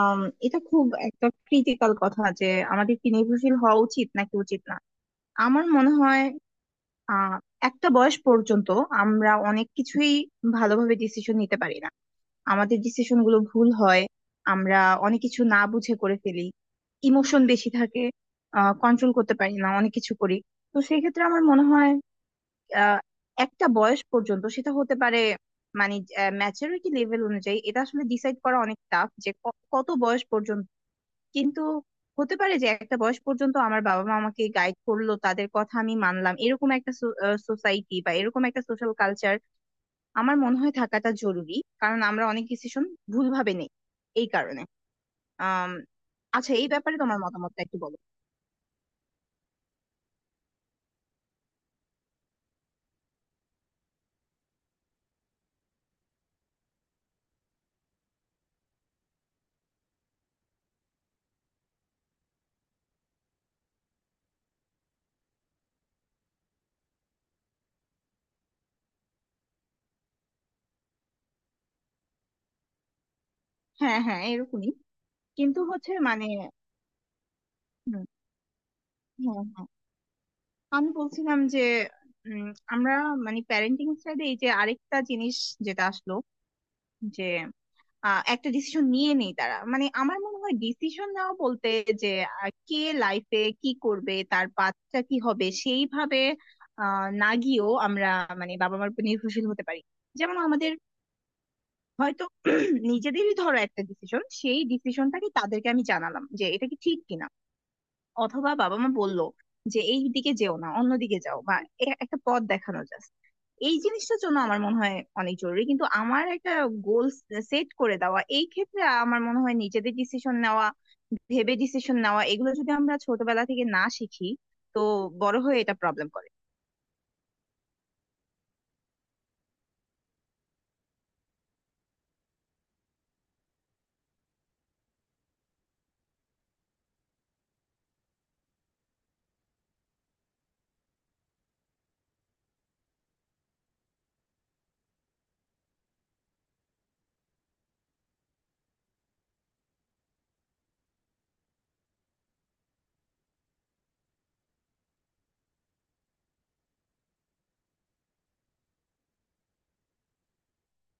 আম, এটা খুব একটা ক্রিটিক্যাল কথা যে আমাদের কি নির্ভরশীল হওয়া উচিত নাকি উচিত না। আমার মনে হয় আহ একটা বয়স পর্যন্ত আমরা অনেক কিছুই ভালোভাবে ডিসিশন নিতে পারি না, আমাদের ডিসিশন গুলো ভুল হয়, আমরা অনেক কিছু না বুঝে করে ফেলি, ইমোশন বেশি থাকে, কন্ট্রোল করতে পারি না, অনেক কিছু করি। তো সেই ক্ষেত্রে আমার মনে হয় আহ, একটা বয়স পর্যন্ত সেটা হতে পারে। মানে ম্যাচুরিটি লেভেল অনুযায়ী এটা আসলে ডিসাইড করা অনেক টাফ যে কত বয়স পর্যন্ত। কিন্তু হতে পারে যে একটা বয়স পর্যন্ত আমার বাবা মা আমাকে গাইড করলো, তাদের কথা আমি মানলাম, এরকম একটা সোসাইটি বা এরকম একটা সোশ্যাল কালচার আমার মনে হয় থাকাটা জরুরি, কারণ আমরা অনেক ডিসিশন ভুলভাবে নেই এই কারণে আম, আচ্ছা এই ব্যাপারে তোমার মতামতটা একটু বলো। হ্যাঁ হ্যাঁ এরকমই। কিন্তু হচ্ছে মানে। হুম। হ্যাঁ হ্যাঁ, আমি বলছিলাম যে উম, আমরা মানে প্যারেন্টিং সাইডে এই যে আরেকটা জিনিস যেটা আসলো, যে একটা ডিসিশন নিয়ে নেই তারা। মানে আমার মনে হয় ডিসিশন নেওয়া বলতে যে কে লাইফে কি করবে, তার বাচ্চা কি হবে, সেইভাবে না গিয়েও আমরা মানে বাবা মার উপর নির্ভরশীল হতে পারি। যেমন আমাদের হয়তো নিজেদেরই ধরো একটা ডিসিশন, সেই ডিসিশনটাকে তাদেরকে আমি জানালাম যে এটা কি ঠিক কিনা, অথবা বাবা মা বললো যে এই দিকে যেও না অন্যদিকে যাও, বা একটা পথ দেখানো জাস্ট, এই জিনিসটার জন্য আমার মনে হয় অনেক জরুরি। কিন্তু আমার একটা গোল সেট করে দেওয়া এই ক্ষেত্রে আমার মনে হয় নিজেদের ডিসিশন নেওয়া, ভেবে ডিসিশন নেওয়া, এগুলো যদি আমরা ছোটবেলা থেকে না শিখি তো বড় হয়ে এটা প্রবলেম করে।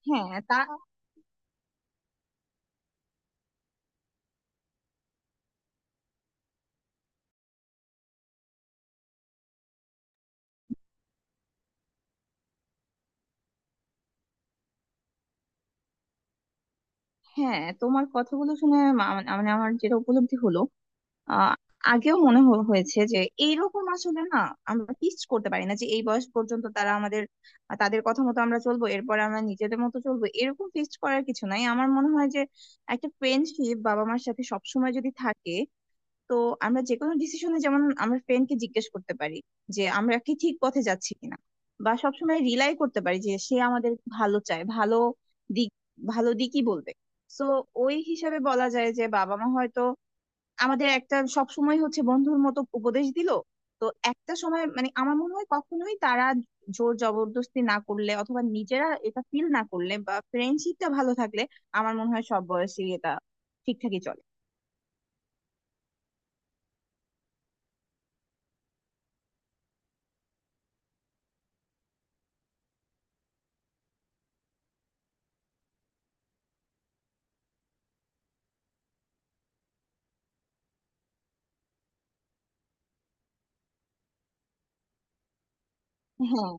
হ্যাঁ তা। হ্যাঁ তোমার কথাগুলো শুনে মানে মানে আমার যেটা উপলব্ধি হলো, আহ আগেও মনে হয়েছে যে এইরকম আসলে না। আমরা ফিক্স করতে পারি না যে এই বয়স পর্যন্ত তারা আমাদের, তাদের কথা মতো আমরা চলবো, এরপর আমরা নিজেদের মতো চলবো, এরকম ফিক্স করার কিছু নাই। আমার মনে হয় যে একটা ফ্রেন্ডশিপ বাবা মার সাথে সবসময় যদি থাকে তো আমরা যে কোনো ডিসিশনে যেমন আমরা ফ্রেন্ডকে জিজ্ঞেস করতে পারি যে আমরা কি ঠিক পথে যাচ্ছি কিনা, বা সবসময় রিলাই করতে পারি যে সে আমাদের ভালো চায়, ভালো দিক, ভালো দিকই বলবে। তো ওই হিসাবে বলা যায় যে বাবা মা হয়তো আমাদের একটা সবসময় হচ্ছে বন্ধুর মতো উপদেশ দিল। তো একটা সময় মানে আমার মনে হয় কখনোই তারা জোর জবরদস্তি না করলে, অথবা নিজেরা এটা ফিল না করলে, বা ফ্রেন্ডশিপটা ভালো থাকলে আমার মনে হয় সব বয়সে এটা ঠিকঠাকই চলে। হ্যাঁ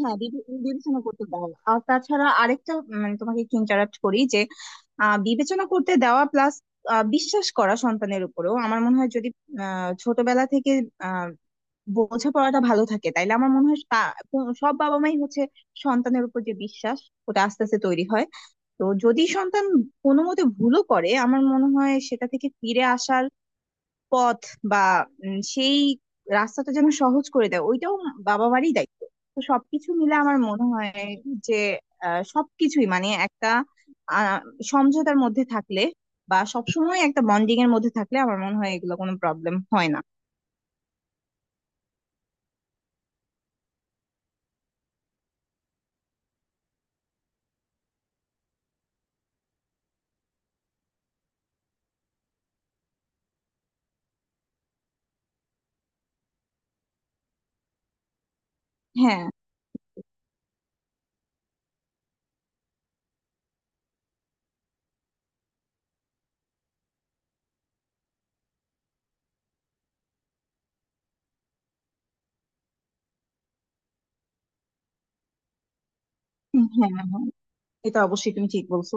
হ্যাঁ বিবেচনা করতে দাও। আর তাছাড়া আরেকটা, মানে তোমাকে একটু ইন্টারাপ্ট করি যে বিবেচনা করতে দেওয়া প্লাস বিশ্বাস করা সন্তানের উপরেও আমার মনে হয়, যদি ছোটবেলা থেকে বোঝাপড়াটা ভালো থাকে তাইলে আমার মনে হয় সব বাবা মাই হচ্ছে, সন্তানের উপর যে বিশ্বাস ওটা আস্তে আস্তে তৈরি হয়। তো যদি সন্তান কোনো মতে ভুলও করে আমার মনে হয় সেটা থেকে ফিরে আসার পথ বা সেই রাস্তাটা যেন সহজ করে দেয়, ওইটাও বাবা মারই দায়িত্ব। তো সবকিছু মিলে আমার মনে হয় যে সবকিছুই মানে একটা আহ, সমঝোতার মধ্যে থাকলে, বা সবসময় একটা বন্ডিং এর মধ্যে থাকলে আমার মনে হয় এগুলো কোনো প্রবলেম হয় না। হ্যাঁ হ্যাঁ। হ্যাঁ এটা অবশ্যই তুমি ঠিক বলছো।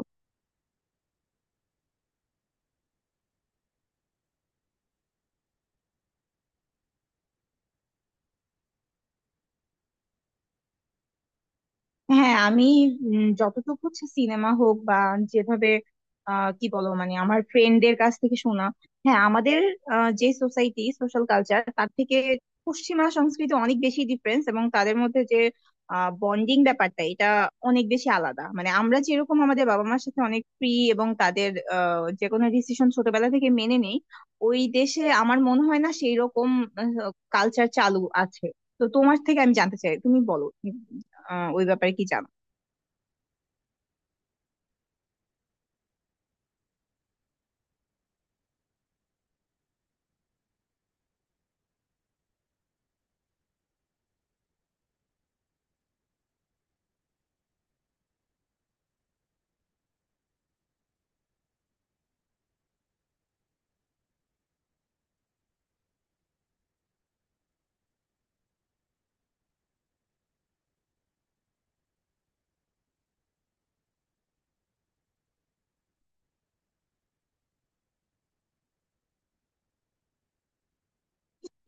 হ্যাঁ আমি যতটুকু হচ্ছে সিনেমা হোক বা যেভাবে, কি বলো মানে আমার ফ্রেন্ডদের কাছ থেকে শোনা, হ্যাঁ আমাদের যে সোসাইটি সোশ্যাল কালচার তার থেকে পশ্চিমা সংস্কৃতি অনেক বেশি ডিফারেন্স, এবং তাদের মধ্যে যে বন্ডিং ব্যাপারটা এটা অনেক বেশি আলাদা। মানে আমরা যেরকম আমাদের বাবা মার সাথে অনেক ফ্রি এবং তাদের যে কোনো ডিসিশন ছোটবেলা থেকে মেনে নেই, ওই দেশে আমার মনে হয় না সেই রকম কালচার চালু আছে। তো তোমার থেকে আমি জানতে চাই, তুমি বলো ওই ব্যাপারে কি জানো।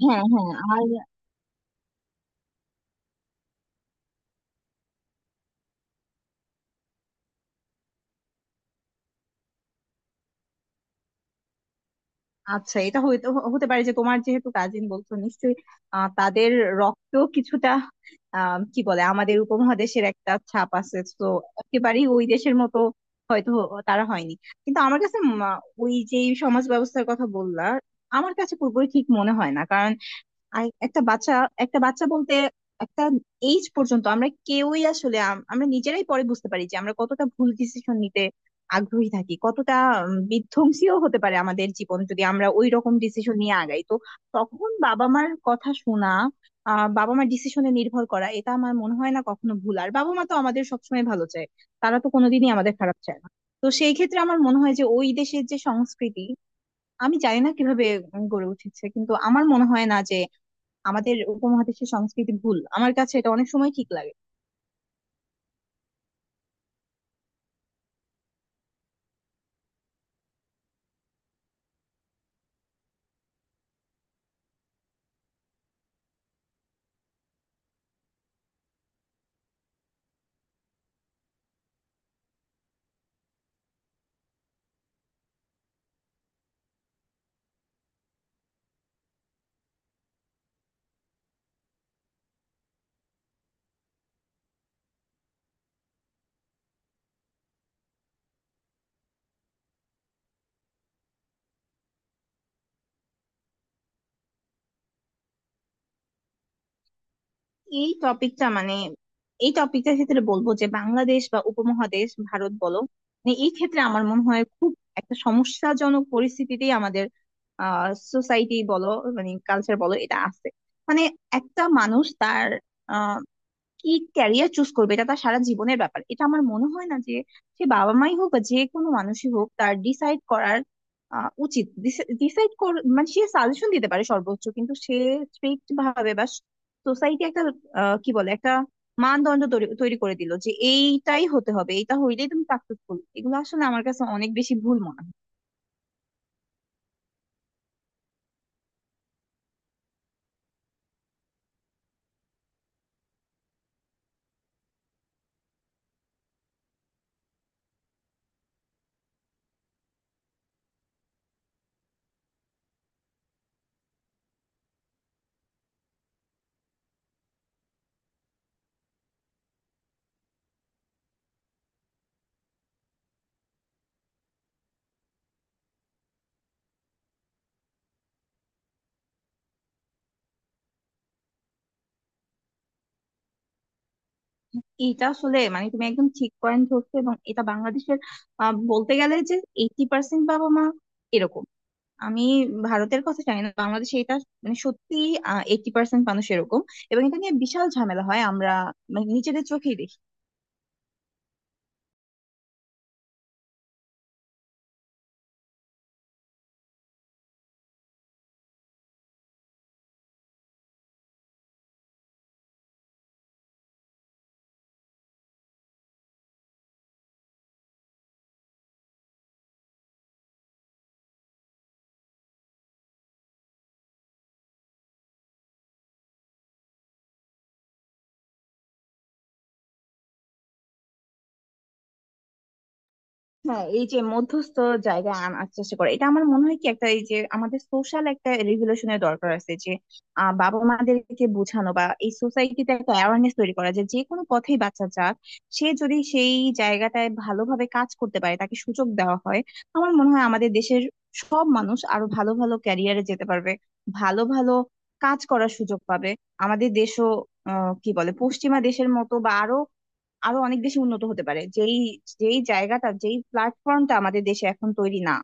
হ্যাঁ হ্যাঁ। আর আচ্ছা এটা হইতে হতে পারে যে তোমার যেহেতু কাজিন বলছো, নিশ্চয়ই তাদের রক্ত কিছুটা, কি বলে, আমাদের উপমহাদেশের একটা ছাপ আছে তো। একেবারেই ওই দেশের মতো হয়তো তারা হয়নি। কিন্তু আমার কাছে ওই যে সমাজ ব্যবস্থার কথা বললা, আমার কাছে পুরোপুরি ঠিক মনে হয় না। কারণ আর একটা বাচ্চা, একটা বাচ্চা বলতে একটা এইজ পর্যন্ত আমরা কেউই আসলে, আমরা নিজেরাই পরে বুঝতে পারি যে আমরা কতটা ভুল ডিসিশন নিতে আগ্রহী থাকি, কতটা বিধ্বংসীও হতে পারে আমাদের জীবন, যদি আমরা ওই রকম ডিসিশন নিয়ে আগাই তো। তখন বাবা মার কথা শোনা, বাবা মার ডিসিশনে নির্ভর করা, এটা আমার মনে হয় না কখনো ভুল। আর বাবা মা তো আমাদের সবসময় ভালো চায়, তারা তো কোনোদিনই আমাদের খারাপ চায় না। তো সেই ক্ষেত্রে আমার মনে হয় যে ওই দেশের যে সংস্কৃতি, আমি জানি না কিভাবে গড়ে উঠেছে, কিন্তু আমার মনে হয় না যে আমাদের উপমহাদেশের সংস্কৃতি ভুল। আমার কাছে এটা অনেক সময় ঠিক লাগে। এই টপিকটা মানে এই টপিকটার ক্ষেত্রে বলবো যে বাংলাদেশ বা উপমহাদেশ ভারত বলো, মানে এই ক্ষেত্রে আমার মনে হয় খুব একটা সমস্যাজনক পরিস্থিতিতেই আমাদের আহ সোসাইটি বলো, মানে কালচার বলো, এটা আছে। মানে একটা মানুষ তার কি ক্যারিয়ার চুজ করবে এটা তার সারা জীবনের ব্যাপার। এটা আমার মনে হয় না যে সে বাবা মাই হোক বা যে কোনো মানুষই হোক তার ডিসাইড করার উচিত। ডিসাইড কর মানে সে সাজেশন দিতে পারে সর্বোচ্চ, কিন্তু সে স্ট্রিক্ট ভাবে বা সোসাইটি একটা কি বলে একটা মানদণ্ড তৈরি তৈরি করে দিল যে এইটাই হতে হবে, এটা হইলেই তুমি সাকসেসফুল, এগুলো আসলে আমার কাছে অনেক বেশি ভুল মনে হয়। এটা আসলে মানে তুমি একদম ঠিক পয়েন্ট ধরছো। এবং এটা বাংলাদেশের বলতে গেলে যে 80% বাবা মা এরকম। আমি ভারতের কথা জানি না, বাংলাদেশে এটা মানে সত্যি 80% মানুষ এরকম। এবং এটা নিয়ে বিশাল ঝামেলা হয়, আমরা মানে নিজেদের চোখেই দেখি। হ্যাঁ এই যে মধ্যস্থ জায়গায় আনার চেষ্টা করে, এটা আমার মনে হয় কি, একটা এই যে আমাদের সোশ্যাল একটা রেভলিউশনের দরকার আছে যে বাবা মাদেরকে বোঝানো বা এই সোসাইটিতে একটা অ্যাওয়ারনেস তৈরি করা যে যে কোনো পথেই বাচ্চা যাক, সে যদি সেই জায়গাটায় ভালোভাবে কাজ করতে পারে, তাকে সুযোগ দেওয়া হয়, আমার মনে হয় আমাদের দেশের সব মানুষ আরো ভালো ভালো ক্যারিয়ারে যেতে পারবে, ভালো ভালো কাজ করার সুযোগ পাবে। আমাদের দেশও কি বলে পশ্চিমা দেশের মতো, বা আরো আরো অনেক বেশি উন্নত হতে পারে, যেই যেই জায়গাটা, যেই প্ল্যাটফর্মটা আমাদের দেশে এখন তৈরি না।